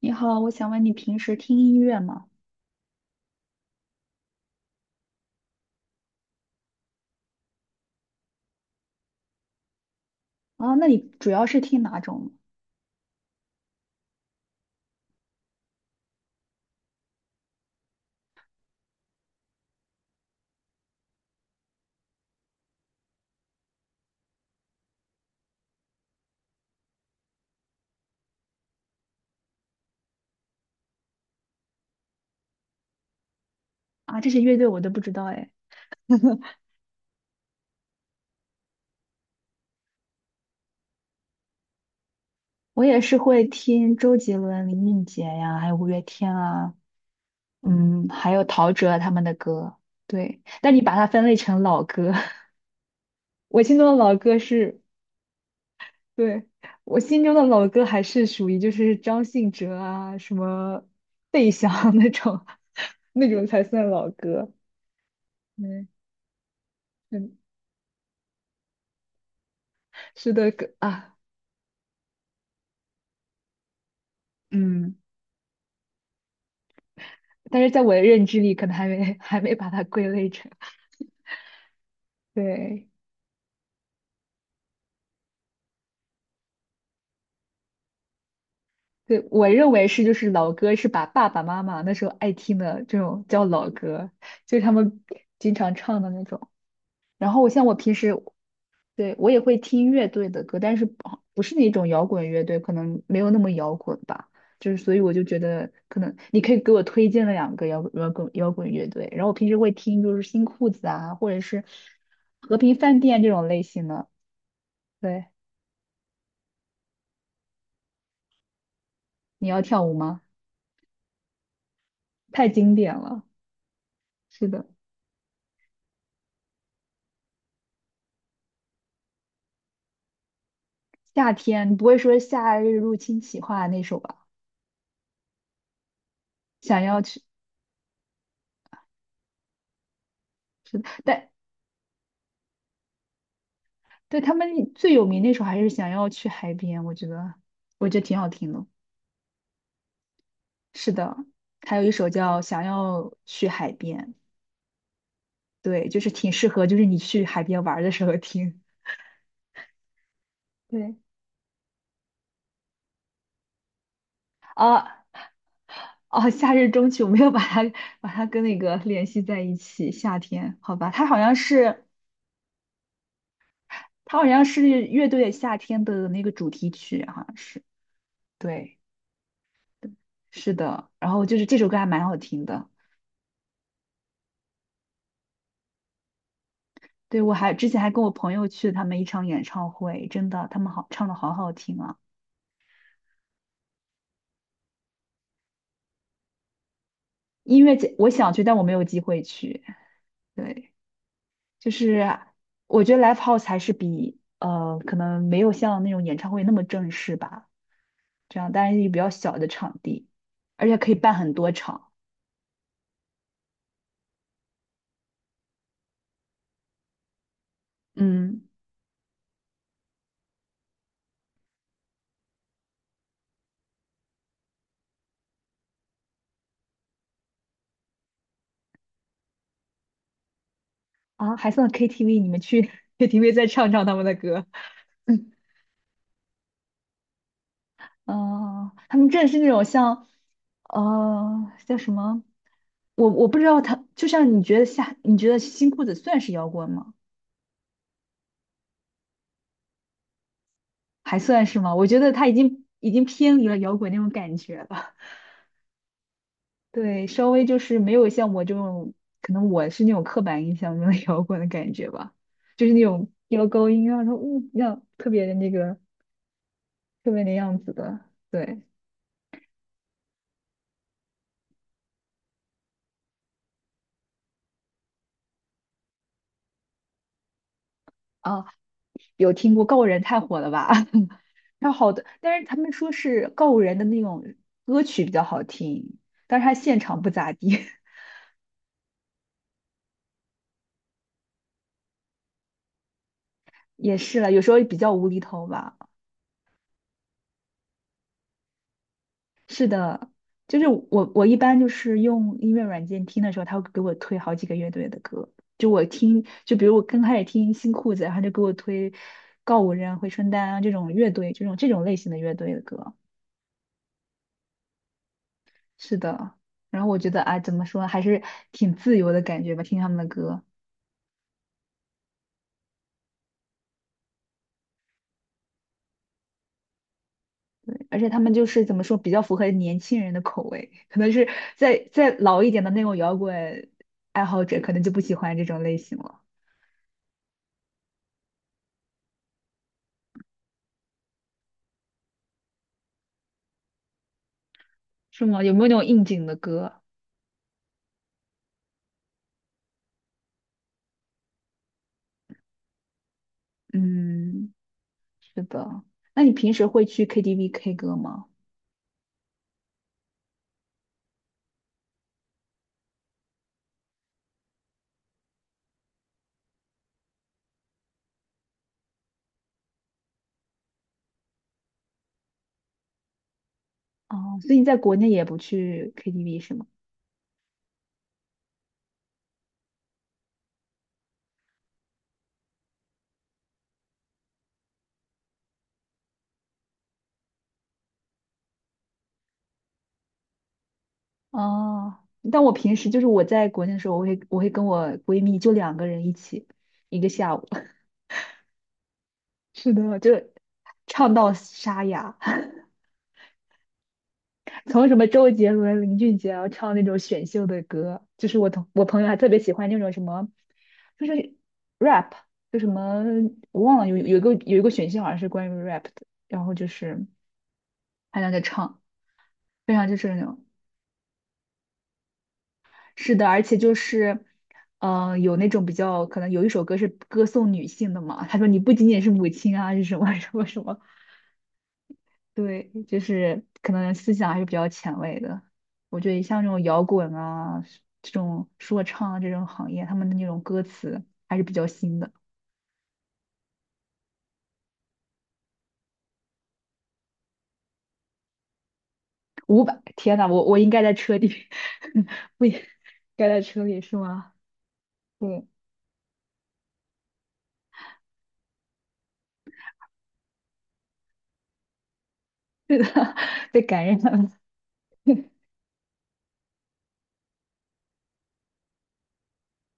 你好，我想问你平时听音乐吗？啊，那你主要是听哪种？啊，这些乐队我都不知道哎。我也是会听周杰伦、林俊杰呀，还有五月天啊，嗯，还有陶喆啊他们的歌。对，但你把它分类成老歌，我心中的老歌是，对，我心中的老歌还是属于就是张信哲啊，什么费翔 那种，那种才算老歌。嗯嗯，是的歌啊，嗯。但是在我的认知里，可能还没 还没把它归类成。对对，我认为是就是老歌是把爸爸妈妈那时候爱听的这种叫老歌，就是他们经常唱的那种。然后我像我平时对我也会听乐队的歌，但是不是那种摇滚乐队，可能没有那么摇滚吧。就是所以我就觉得可能你可以给我推荐了两个摇滚乐队，然后我平时会听就是新裤子啊，或者是和平饭店这种类型的。对，你要跳舞吗？太经典了。是的，夏天不会说夏日入侵企划那首吧？想要去，是的，但对他们最有名那首还是想要去海边，我觉得挺好听的。是的，还有一首叫《想要去海边》，对，就是挺适合，就是你去海边玩儿的时候听。对，啊哦，夏日中曲我没有把它把它跟那个联系在一起，夏天，好吧，它好像是乐队夏天的那个主题曲，好像是。对，是的，然后就是这首歌还蛮好听的。对，我还之前还跟我朋友去了他们一场演唱会，真的，他们好唱的好好听啊。音乐节我想去，但我没有机会去。对，就是我觉得 live house 还是比可能没有像那种演唱会那么正式吧，这样，但是比较小的场地，而且可以办很多场。嗯，啊，还算 KTV，你们去 KTV 再唱唱他们的歌。嗯，他们真的是那种像，叫什么？我不知道他，就像你觉得下，你觉得新裤子算是摇滚吗？还算是吗？我觉得他已经偏离了摇滚那种感觉了。对，稍微就是没有像我这种，可能我是那种刻板印象中的摇滚的感觉吧，就是那种飙高音啊，然后那样特别的那个特别那样子的。对啊，有听过《告人》太火了吧？它好的，但是他们说是告五人的那种歌曲比较好听，但是他现场不咋地，也是了，有时候比较无厘头吧。就是我一般就是用音乐软件听的时候，他会给我推好几个乐队的歌，就我听，就比如我刚开始听新裤子，然后他就给我推告五人、回春丹啊这种乐队，这种类型的乐队的歌。是的，然后我觉得啊，怎么说，还是挺自由的感觉吧，听他们的歌。而且他们就是怎么说，比较符合年轻人的口味，可能是再老一点的那种摇滚爱好者，可能就不喜欢这种类型了。是吗？有没有那种应景的歌？嗯，是的。那你平时会去 KTV K 歌吗？哦，所以你在国内也不去 KTV 是吗？哦，但我平时就是我在国内的时候，我会跟我闺蜜就两个人一起，一个下午，是的，就 唱到沙哑。从什么周杰伦、林俊杰然后唱那种选秀的歌，就是我同我朋友还特别喜欢那种什么，就是 rap，就什么我忘了有一个有一个选秀好像是关于 rap 的，然后就是他俩在唱，非常就是那种是的，而且就是有那种比较可能有一首歌是歌颂女性的嘛，他说你不仅仅是母亲啊，是什么什么什么，对，就是可能思想还是比较前卫的。我觉得像这种摇滚啊、这种说唱啊这种行业，他们的那种歌词还是比较新的。五百天呐，我应该在车里，不应该在车里是吗？对，被感染了。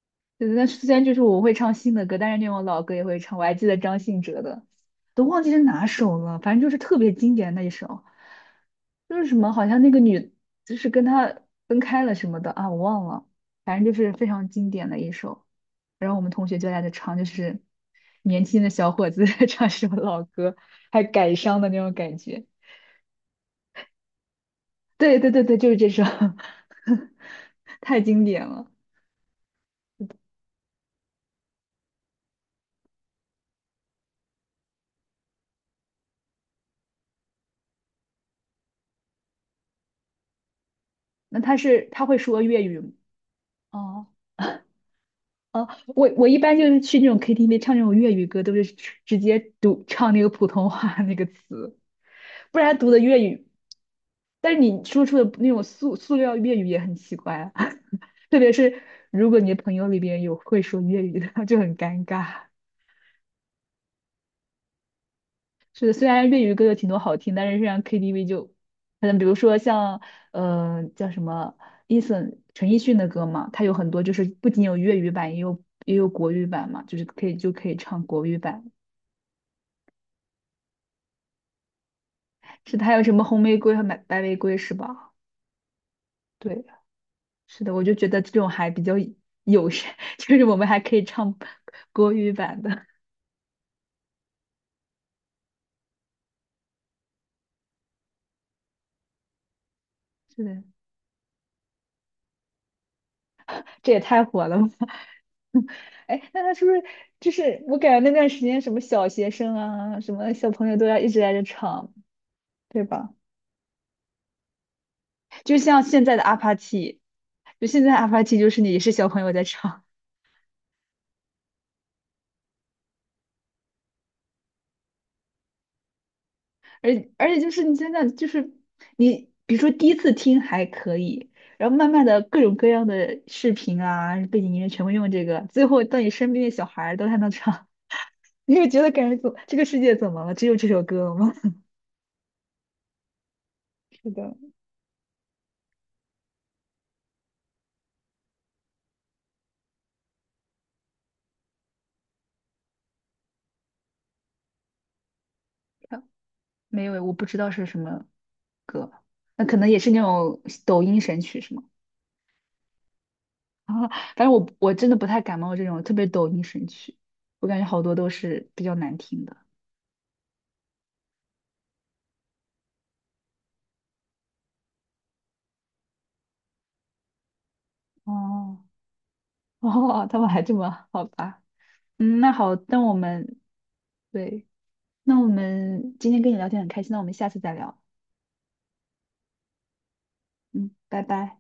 对，但虽然就是我会唱新的歌，但是那种老歌也会唱。我还记得张信哲的，都忘记是哪首了，反正就是特别经典的那一首。就是什么，好像那个女就是跟他分开了什么的啊，我忘了，反正就是非常经典的一首。然后我们同学就在那唱，就是年轻的小伙子 在唱什首老歌，还感伤的那种感觉。对对对对，就是这首，太经典了。那他是他会说粤语吗哦哦，我一般就是去那种 KTV 唱那种粤语歌，都是直接读唱那个普通话那个词。不然读的粤语，但是你说出的那种塑料粤语也很奇怪啊，特别是如果你的朋友里边有会说粤语的，就很尴尬。是的，虽然粤语歌有挺多好听，但是像 KTV 就，可能比如说像叫什么 Eason 陈奕迅的歌嘛，他有很多就是不仅有粤语版，也有国语版嘛，就是可以就可以唱国语版。是他有什么红玫瑰和白玫瑰是吧？对。是的，我就觉得这种还比较友善，就是我们还可以唱国语版的。是的，这也太火了吧！哎，那他是不是就是我感觉那段时间什么小学生啊，什么小朋友都要一直在这唱，对吧？就像现在的阿帕奇，就现在阿帕奇就是你也是小朋友在唱，而而且就是你现在就是你比如说第一次听还可以。然后慢慢的各种各样的视频啊，背景音乐全部用这个，最后到你身边的小孩儿都还能唱。你会觉得感觉怎这个世界怎么了？只有这首歌了吗？是的，没有，我不知道是什么歌，那可能也是那种抖音神曲是吗？啊，反正我真的不太感冒这种特别抖音神曲，我感觉好多都是比较难听的。哦 哦，他们还这么好吧？嗯，那好，那我们对，那我们今天跟你聊天很开心，那我们下次再聊。嗯，拜拜。